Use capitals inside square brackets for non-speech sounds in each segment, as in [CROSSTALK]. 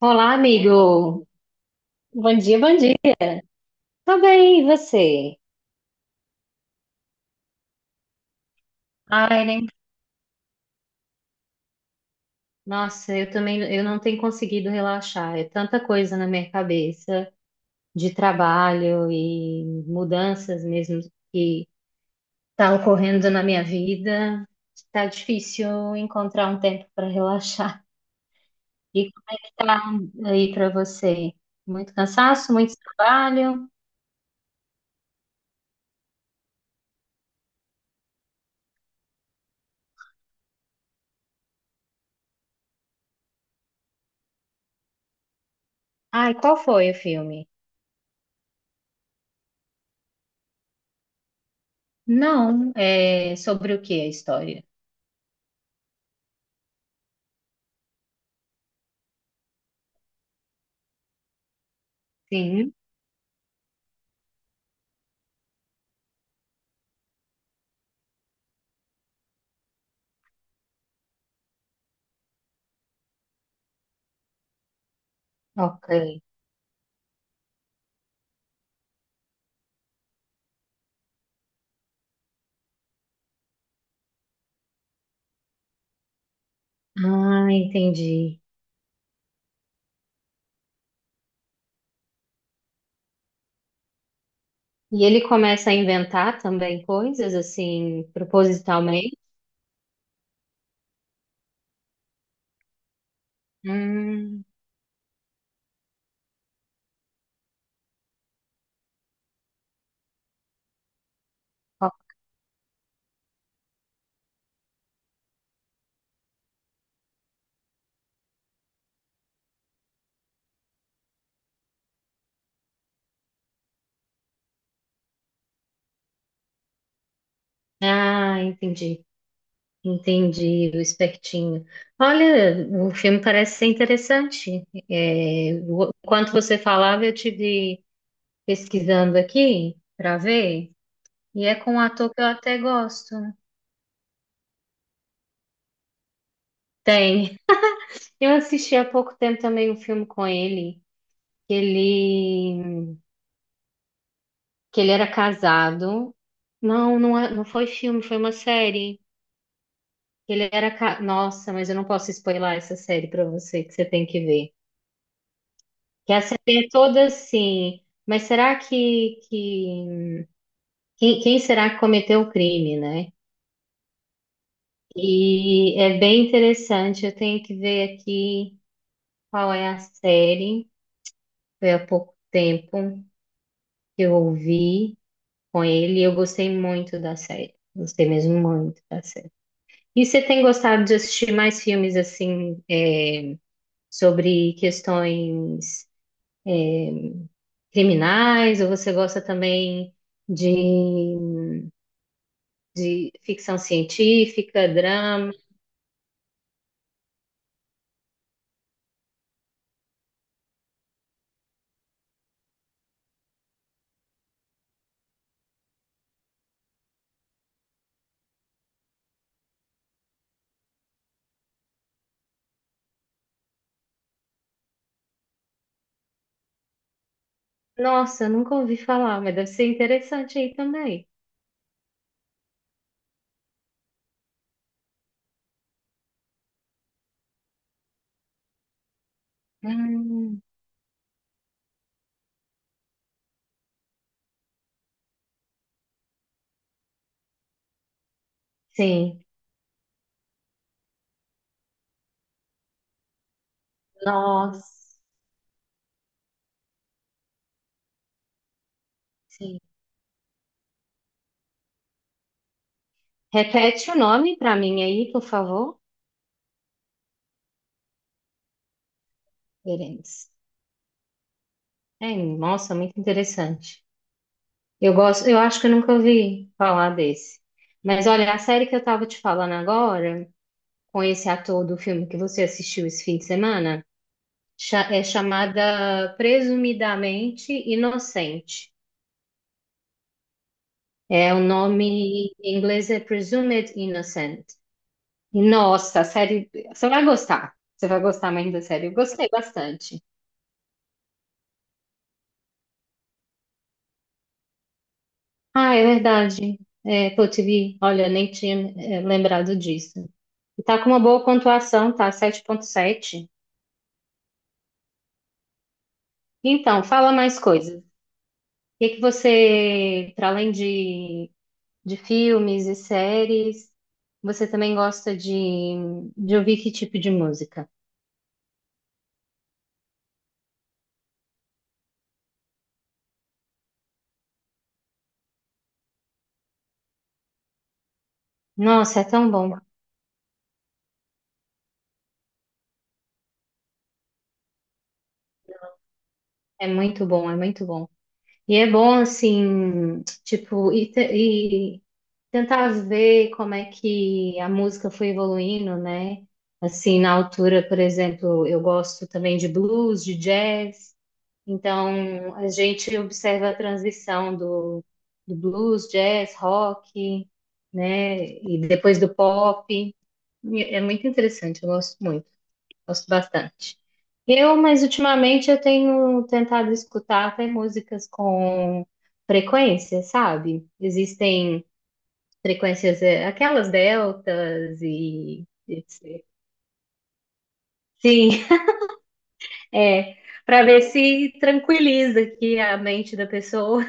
Olá, amigo. Bom dia, bom dia. Tudo bem, e você? Ai, nem. Nossa, eu também, eu não tenho conseguido relaxar. É tanta coisa na minha cabeça de trabalho e mudanças mesmo que tá ocorrendo na minha vida. Tá difícil encontrar um tempo para relaxar. E como é que tá aí para você? Muito cansaço, muito trabalho. Ai, qual foi o filme? Não, é sobre o que a história? Sim, ok. Ah, entendi. E ele começa a inventar também coisas assim, propositalmente? Hum, ó. Ah, entendi. Entendi, o espertinho. Olha, o filme parece ser interessante. É, enquanto você falava, eu tive pesquisando aqui para ver, e é com um ator que eu até gosto. Tem. Eu assisti há pouco tempo também um filme com ele, que ele que ele era casado. Não, não, não foi filme, foi uma série. Ele era. Nossa, mas eu não posso spoiler essa série pra você, que você tem que ver. Que a série é toda assim. Mas será que. Quem será que cometeu o crime, né? E é bem interessante. Eu tenho que ver aqui qual é a série. Foi há pouco tempo que eu ouvi com ele e eu gostei muito da série. Gostei mesmo muito da série. E você tem gostado de assistir mais filmes assim, é, sobre questões criminais, ou você gosta também de, de ficção científica, drama? Nossa, eu nunca ouvi falar, mas deve ser interessante aí também. Hum, sim, nossa, sim. Repete o nome para mim aí, por favor, Berenice. É, nossa, muito interessante. Eu gosto, eu acho que eu nunca ouvi falar desse. Mas olha, a série que eu tava te falando agora, com esse ator do filme que você assistiu esse fim de semana, é chamada Presumidamente Inocente. É, o nome em inglês é Presumed Innocent. E nossa, a série, você vai gostar. Você vai gostar mais da série. Eu gostei bastante. Ah, é verdade. É, Apple TV, olha, nem tinha, é, lembrado disso. E tá com uma boa pontuação, tá? 7,7. Então, fala mais coisas. O que é que você, para além de filmes e séries, você também gosta de ouvir que tipo de música? Nossa, é tão bom. É muito bom, é muito bom. E é bom, assim, tipo, e tentar ver como é que a música foi evoluindo, né? Assim, na altura, por exemplo, eu gosto também de blues, de jazz. Então, a gente observa a transição do blues, jazz, rock, né? E depois do pop. É muito interessante, eu gosto muito, gosto bastante. Mas ultimamente eu tenho tentado escutar até músicas com frequência, sabe? Existem frequências, é, aquelas deltas e etc. Sim, [LAUGHS] é, para ver se tranquiliza aqui a mente da pessoa.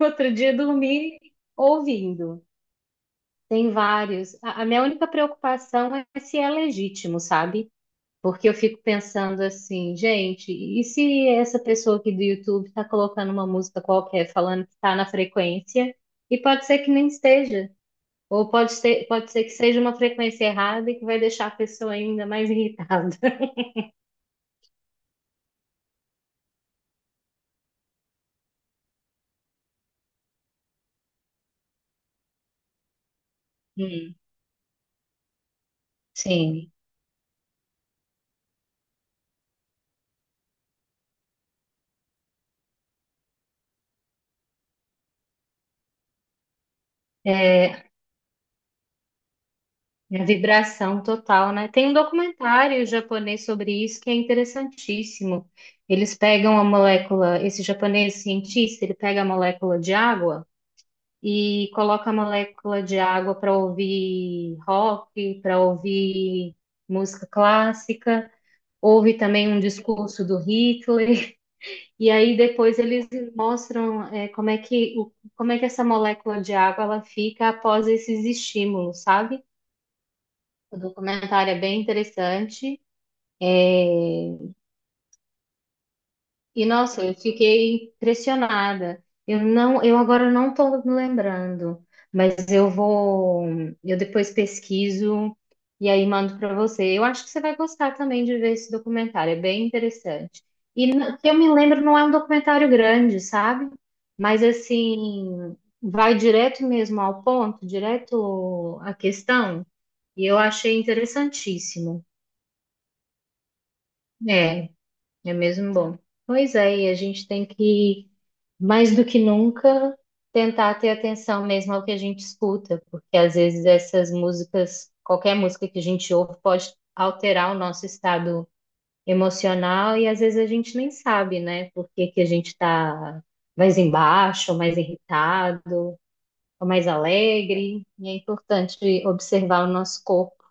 Outro dia dormir ouvindo. Tem vários. A minha única preocupação é se é legítimo, sabe? Porque eu fico pensando assim, gente, e se essa pessoa aqui do YouTube tá colocando uma música qualquer falando que tá na frequência, e pode ser que nem esteja. Ou pode ser que seja uma frequência errada e que vai deixar a pessoa ainda mais irritada. [LAUGHS] Hum, sim. É, a vibração total, né? Tem um documentário japonês sobre isso que é interessantíssimo. Eles pegam a molécula, esse japonês cientista, ele pega a molécula de água e coloca a molécula de água para ouvir rock, para ouvir música clássica, ouve também um discurso do Hitler, [LAUGHS] e aí depois eles mostram como é que, como é que essa molécula de água ela fica após esses estímulos, sabe? O documentário é bem interessante. É, e nossa, eu fiquei impressionada. Eu agora não estou me lembrando, mas eu depois pesquiso e aí mando para você. Eu acho que você vai gostar também de ver esse documentário, é bem interessante. E que eu me lembro, não é um documentário grande, sabe? Mas assim, vai direto mesmo ao ponto, direto à questão, e eu achei interessantíssimo. É. É mesmo bom. Pois é, e a gente tem que, mais do que nunca, tentar ter atenção mesmo ao que a gente escuta, porque às vezes essas músicas, qualquer música que a gente ouve, pode alterar o nosso estado emocional e às vezes a gente nem sabe, né? Por que que a gente está mais embaixo, ou mais irritado, ou mais alegre. E é importante observar o nosso corpo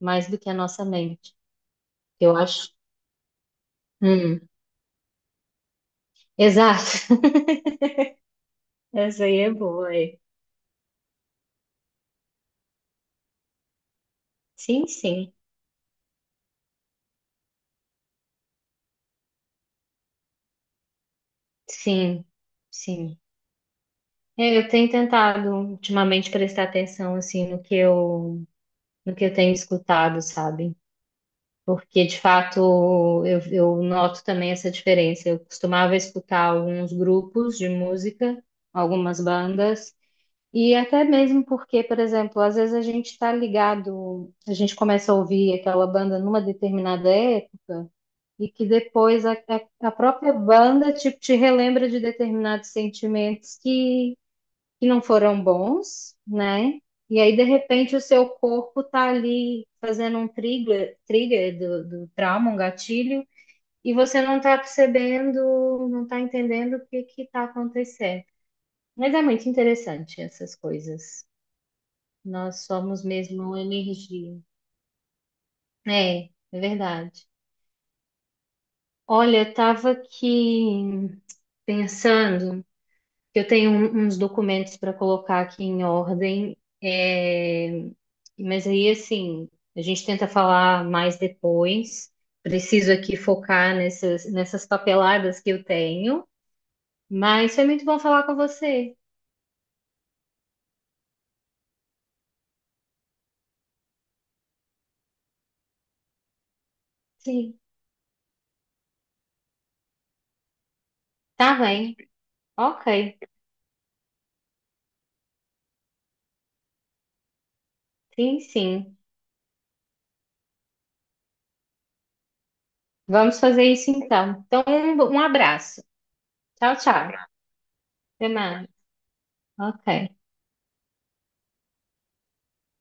mais do que a nossa mente. Eu acho. Hum, [LAUGHS] exato. Essa aí é boa, é. Sim, sim. Sim, sim. É, eu tenho tentado ultimamente prestar atenção assim no que eu tenho escutado, sabe? Porque de fato eu noto também essa diferença. Eu costumava escutar alguns grupos de música, algumas bandas, e até mesmo porque, por exemplo, às vezes a gente está ligado, a gente começa a ouvir aquela banda numa determinada época. E que depois a própria banda tipo, te relembra de determinados sentimentos que não foram bons, né? E aí, de repente, o seu corpo tá ali fazendo um trigger do trauma, um gatilho, e você não tá percebendo, não tá entendendo o que que tá acontecendo. Mas é muito interessante essas coisas. Nós somos mesmo uma energia. É, é verdade. Olha, eu tava aqui pensando. Eu tenho uns documentos para colocar aqui em ordem, é, mas aí, assim, a gente tenta falar mais depois. Preciso aqui focar nessas papeladas que eu tenho, mas foi muito bom falar com você. Sim, tá bem. Ok, sim, sim. Vamos fazer isso então. Então, um abraço. Tchau, tchau. Até mais. Ok.